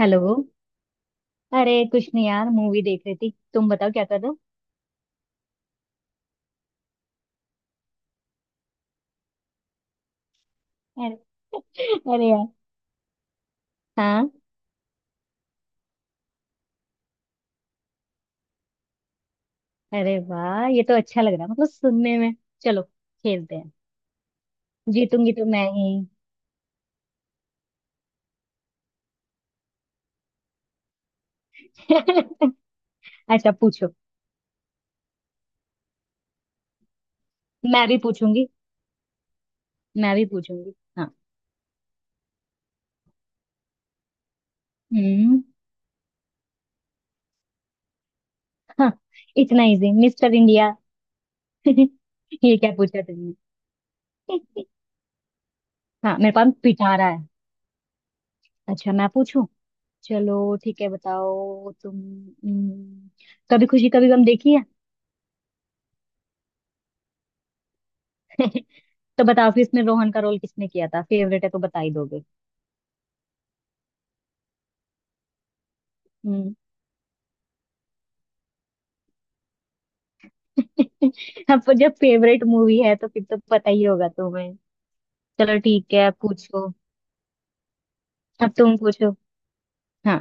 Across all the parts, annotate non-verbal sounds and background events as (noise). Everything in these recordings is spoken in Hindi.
हेलो। अरे कुछ नहीं यार, मूवी देख रही थी। तुम बताओ क्या कर रहे हो। अरे। अरे यार। हाँ। अरे वाह, ये तो अच्छा लग रहा है मतलब सुनने में। चलो खेलते हैं। जीतूंगी तो मैं ही। (laughs) अच्छा पूछो। मैं भी पूछूंगी। मैं भी पूछूंगी। हाँ। हम्म। हाँ। इतना इजी? Mister India. (laughs) ये क्या पूछा तुमने। (laughs) हाँ, मेरे पास पिटारा है। अच्छा मैं पूछूं। चलो ठीक है, बताओ तुम। कभी खुशी कभी गम देखी है। (laughs) तो बताओ फिर, इसमें रोहन का रोल किसने किया था? फेवरेट है तो बता ही दोगे। हम्म। (laughs) अब जब फेवरेट मूवी है तो फिर तो पता ही होगा तुम्हें। चलो ठीक है, अब पूछो। अब तुम पूछो। हाँ।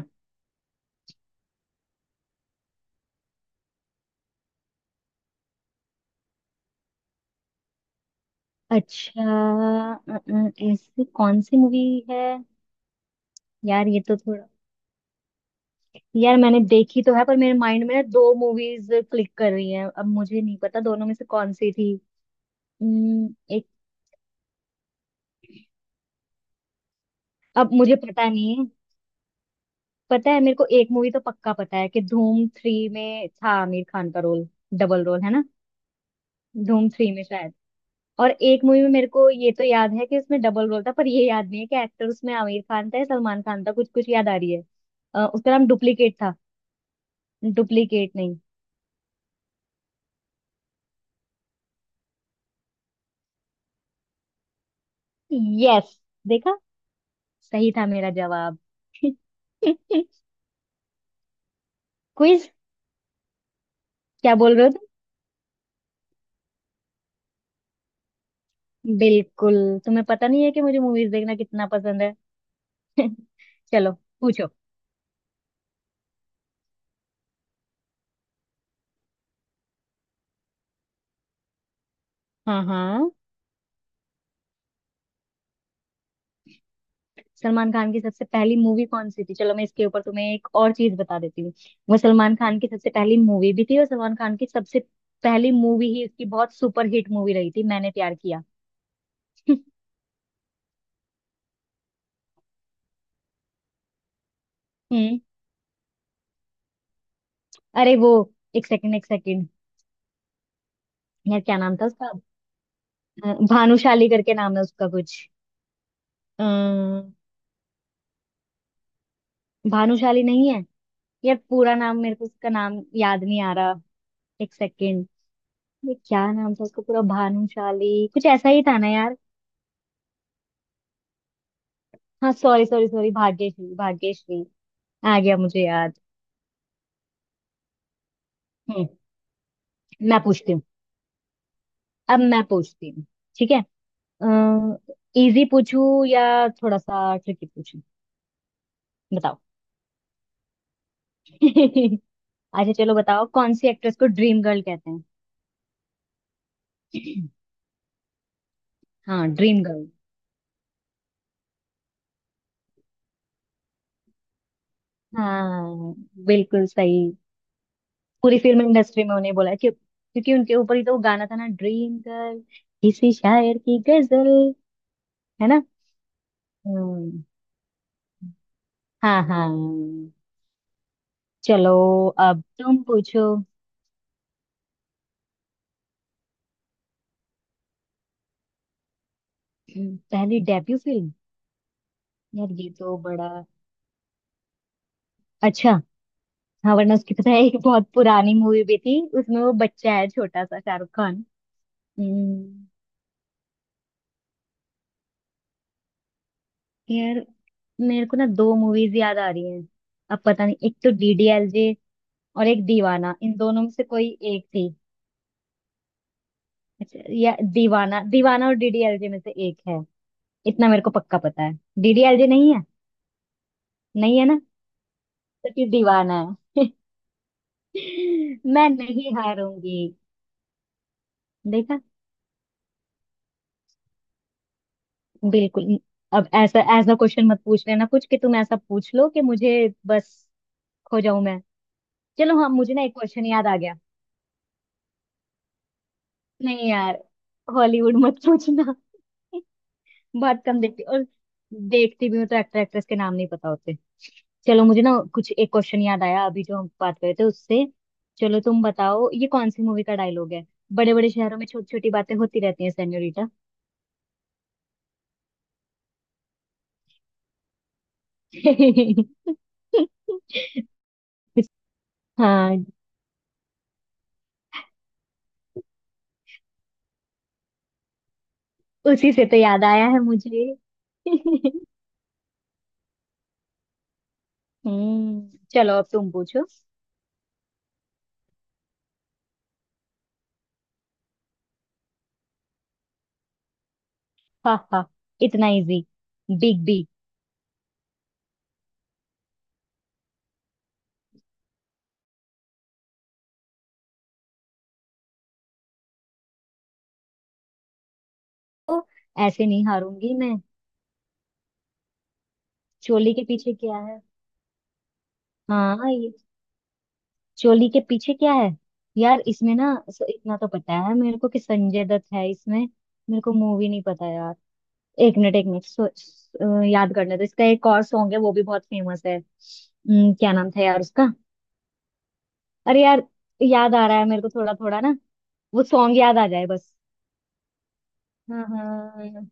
अच्छा, ऐसी कौन सी मूवी है। यार ये तो थोड़ा। यार मैंने देखी तो है, पर मेरे माइंड में ना दो मूवीज क्लिक कर रही हैं। अब मुझे नहीं पता दोनों में से कौन सी थी। एक। अब मुझे पता नहीं है। पता है, मेरे को एक मूवी तो पक्का पता है कि धूम 3 में था आमिर खान का रोल। डबल रोल है ना। धूम 3 में शायद। और एक मूवी में मेरे को ये तो याद है कि उसमें डबल रोल था, पर ये याद नहीं है कि एक्टर उसमें आमिर खान था या सलमान खान था। कुछ कुछ याद आ रही है। उसका नाम डुप्लीकेट था। डुप्लीकेट नहीं। यस। देखा, सही था मेरा जवाब। (laughs) क्विज क्या बोल रहे हो? तुम बिल्कुल। तुम्हें पता नहीं है कि मुझे मूवीज देखना कितना पसंद है। (laughs) चलो पूछो। हाँ हाँ। सलमान खान की सबसे पहली मूवी कौन सी थी? चलो मैं इसके ऊपर तुम्हें एक और चीज बता देती हूँ। वो सलमान खान की सबसे पहली मूवी भी थी और सलमान खान की सबसे पहली मूवी ही उसकी बहुत सुपर हिट मूवी रही थी। मैंने प्यार किया। हम्म। अरे वो, एक सेकंड एक सेकंड। यार क्या नाम था उसका। भानुशाली करके नाम है उसका कुछ। अ, भानुशाली नहीं है। यार पूरा नाम मेरे को, उसका नाम याद नहीं आ रहा। एक सेकंड। ये क्या नाम था उसका पूरा? भानुशाली कुछ ऐसा ही था ना यार। हाँ sorry sorry sorry, Bhagyashree. Bhagyashree आ गया मुझे याद। हम्म। मैं पूछती हूँ। अब मैं पूछती हूँ। ठीक है। इजी पूछू या थोड़ा सा ट्रिकी पूछू? बताओ। (laughs) अच्छा, चलो बताओ कौन सी एक्ट्रेस को ड्रीम गर्ल कहते हैं? (clears throat) हाँ ड्रीम गर्ल। हाँ बिल्कुल सही। पूरी फिल्म इंडस्ट्री में उन्हें बोला है, क्यों, क्योंकि उनके ऊपर ही तो वो गाना था ना ड्रीम गर्ल, किसी शायर की गजल। है ना। हम्म, हाँ हाँ। चलो अब तुम पूछो। पहली डेब्यू फिल्म। यार ये तो बड़ा। अच्छा। हाँ वरना उसकी, पता है, एक बहुत पुरानी मूवी भी थी, उसमें वो बच्चा है छोटा सा शाहरुख खान। हम्म, यार मेरे को ना दो मूवीज याद आ रही हैं। अब पता नहीं, एक तो डीडीएलजे और एक दीवाना, इन दोनों में से कोई एक थी। अच्छा, या दीवाना। दीवाना और डीडीएलजे में से एक है, इतना मेरे को पक्का पता है। डीडीएलजे नहीं है? नहीं है ना? तो फिर दीवाना है। (laughs) मैं नहीं हारूंगी। देखा, बिल्कुल। अब ऐसा ऐसा क्वेश्चन मत पूछ लेना कुछ, कि तुम ऐसा पूछ लो कि मुझे, बस, खो जाऊं मैं। चलो हाँ, मुझे ना एक क्वेश्चन याद आ गया। नहीं यार, हॉलीवुड मत पूछना। बहुत कम देखती, और देखती भी हूँ तो एक्टर एक्ट्रेस के नाम नहीं पता होते। चलो, मुझे ना कुछ एक क्वेश्चन याद आया अभी, जो हम बात कर रहे थे उससे। चलो तुम बताओ, ये कौन सी मूवी का डायलॉग है? बड़े बड़े शहरों में छोटी छोटी बातें होती रहती हैं, सेन्योरिटा। (laughs) हाँ उसी से तो याद आया है मुझे। (laughs) हम्म। चलो अब तुम पूछो। हा हा, इतना इजी। Big B. तो ऐसे नहीं हारूंगी मैं। चोली के पीछे क्या है। हाँ ये, चोली के पीछे क्या है। यार इसमें ना स-, इतना तो पता है मेरे को कि संजय दत्त है इसमें। मेरे को मूवी नहीं पता यार। एक मिनट एक मिनट। याद करने, तो इसका एक और सॉन्ग है, वो भी बहुत फेमस है। क्या नाम था यार उसका। अरे यार, याद आ रहा है मेरे को थोड़ा थोड़ा ना। वो सॉन्ग याद आ जाए बस। हाँ हाँ।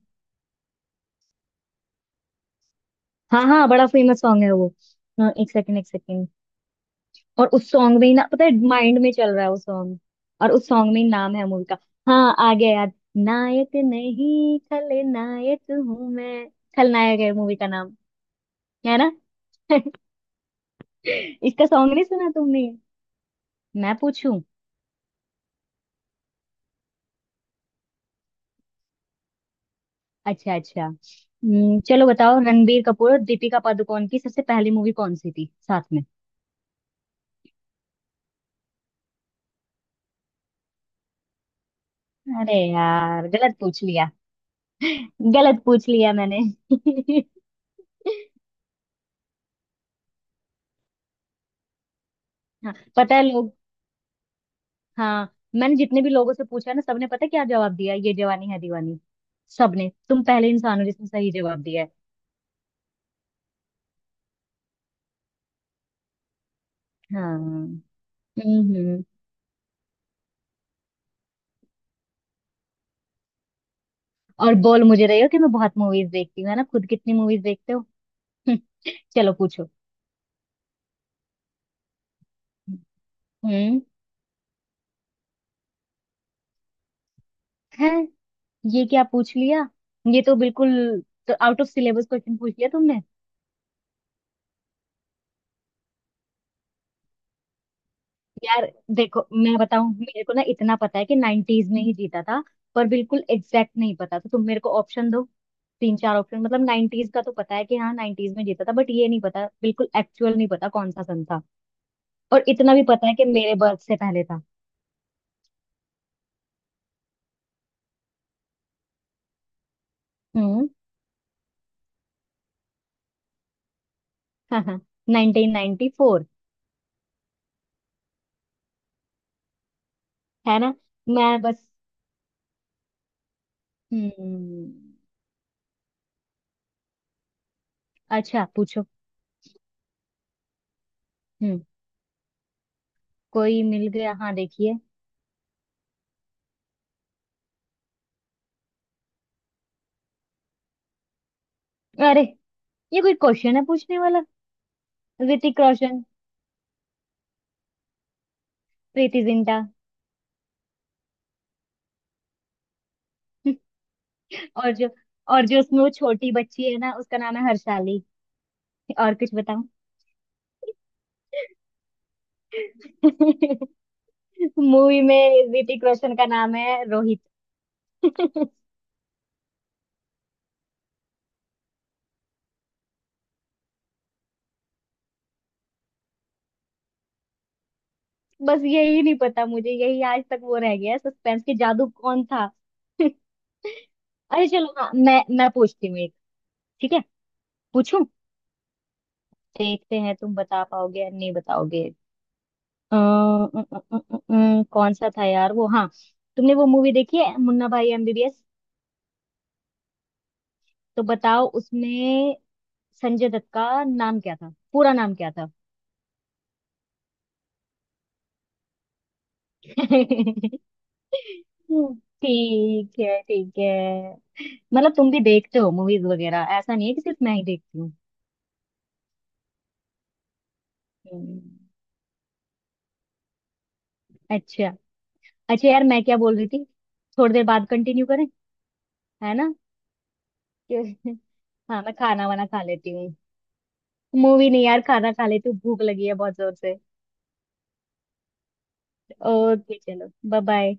हाँ हाँ, बड़ा फेमस सॉन्ग है वो। हाँ, एक सेकंड एक सेकंड। और उस सॉन्ग में ही ना, पता है, माइंड में चल रहा है वो सॉन्ग। और उस सॉन्ग में ही नाम है मूवी का। हाँ आ गया याद। नायक नहीं खलनायक हूँ मैं। खलनायक है मूवी का नाम। है ना। (laughs) इसका सॉन्ग नहीं सुना तुमने? मैं पूछूं। अच्छा अच्छा। चलो बताओ, रणबीर कपूर और दीपिका पादुकोण की सबसे पहली मूवी कौन सी थी साथ में? अरे यार गलत पूछ लिया। गलत पूछ लिया मैंने। (laughs) हाँ पता है लोग। हाँ मैंने जितने भी लोगों से पूछा ना, सबने पता है क्या जवाब दिया, ये जवानी है दीवानी। सबने। तुम पहले इंसान हो जिसने सही जवाब दिया है। हाँ। हम्म। हम्म। और बोल मुझे रही हो कि मैं बहुत मूवीज देखती हूँ। है ना, खुद कितनी मूवीज देखते हो। (laughs) चलो पूछो। हम्म, है। ये क्या पूछ लिया? ये तो बिल्कुल, तो आउट ऑफ सिलेबस क्वेश्चन पूछ लिया तुमने। यार देखो मैं बताऊं, मेरे को ना इतना पता है कि नाइनटीज में ही जीता था, पर बिल्कुल एग्जैक्ट नहीं पता, तो तुम मेरे को ऑप्शन दो, तीन चार ऑप्शन। मतलब नाइनटीज का तो पता है कि हाँ नाइनटीज में जीता था, बट ये नहीं पता बिल्कुल, एक्चुअल नहीं पता कौन सा सन था। और इतना भी पता है कि मेरे बर्थ से पहले था। हम्म। (laughs) हाँ हाँ, 1994। है ना, मैं बस। हम्म, अच्छा पूछो। हम्म। कोई मिल गया, हाँ देखिए। अरे, ये कोई क्वेश्चन है पूछने वाला। ऋतिक रोशन। प्रीति जिंटा। (laughs) और जो, और जो उसमें वो छोटी बच्ची है ना, उसका नाम है हर्षाली। और कुछ बताऊं? (laughs) मूवी में ऋतिक रोशन का नाम है रोहित। (laughs) बस यही नहीं पता मुझे, यही आज तक वो रह गया सस्पेंस के जादू कौन था। (laughs) अरे चलो हाँ, मैं पूछती हूँ एक। ठीक है। पूछूं। देखते हैं तुम बता पाओगे या नहीं बताओगे। अ, अ, अ, अ, अ, कौन सा था यार वो, हाँ। तुमने वो मूवी देखी है मुन्ना भाई एमबीबीएस? तो बताओ, उसमें संजय दत्त का नाम क्या था? पूरा नाम क्या था। (laughs) ठीक है ठीक है। मतलब तुम भी देखते हो मूवीज वगैरह, ऐसा नहीं है कि सिर्फ मैं ही देखती हूँ। हम्म, अच्छा अच्छा। यार मैं क्या बोल रही थी, थोड़ी देर बाद कंटिन्यू करें? है ना। (laughs) कि-, हाँ मैं खाना वाना खा लेती हूँ। मूवी नहीं यार, खाना खा लेती हूँ, भूख लगी है बहुत जोर से। ओके चलो, बाय बाय।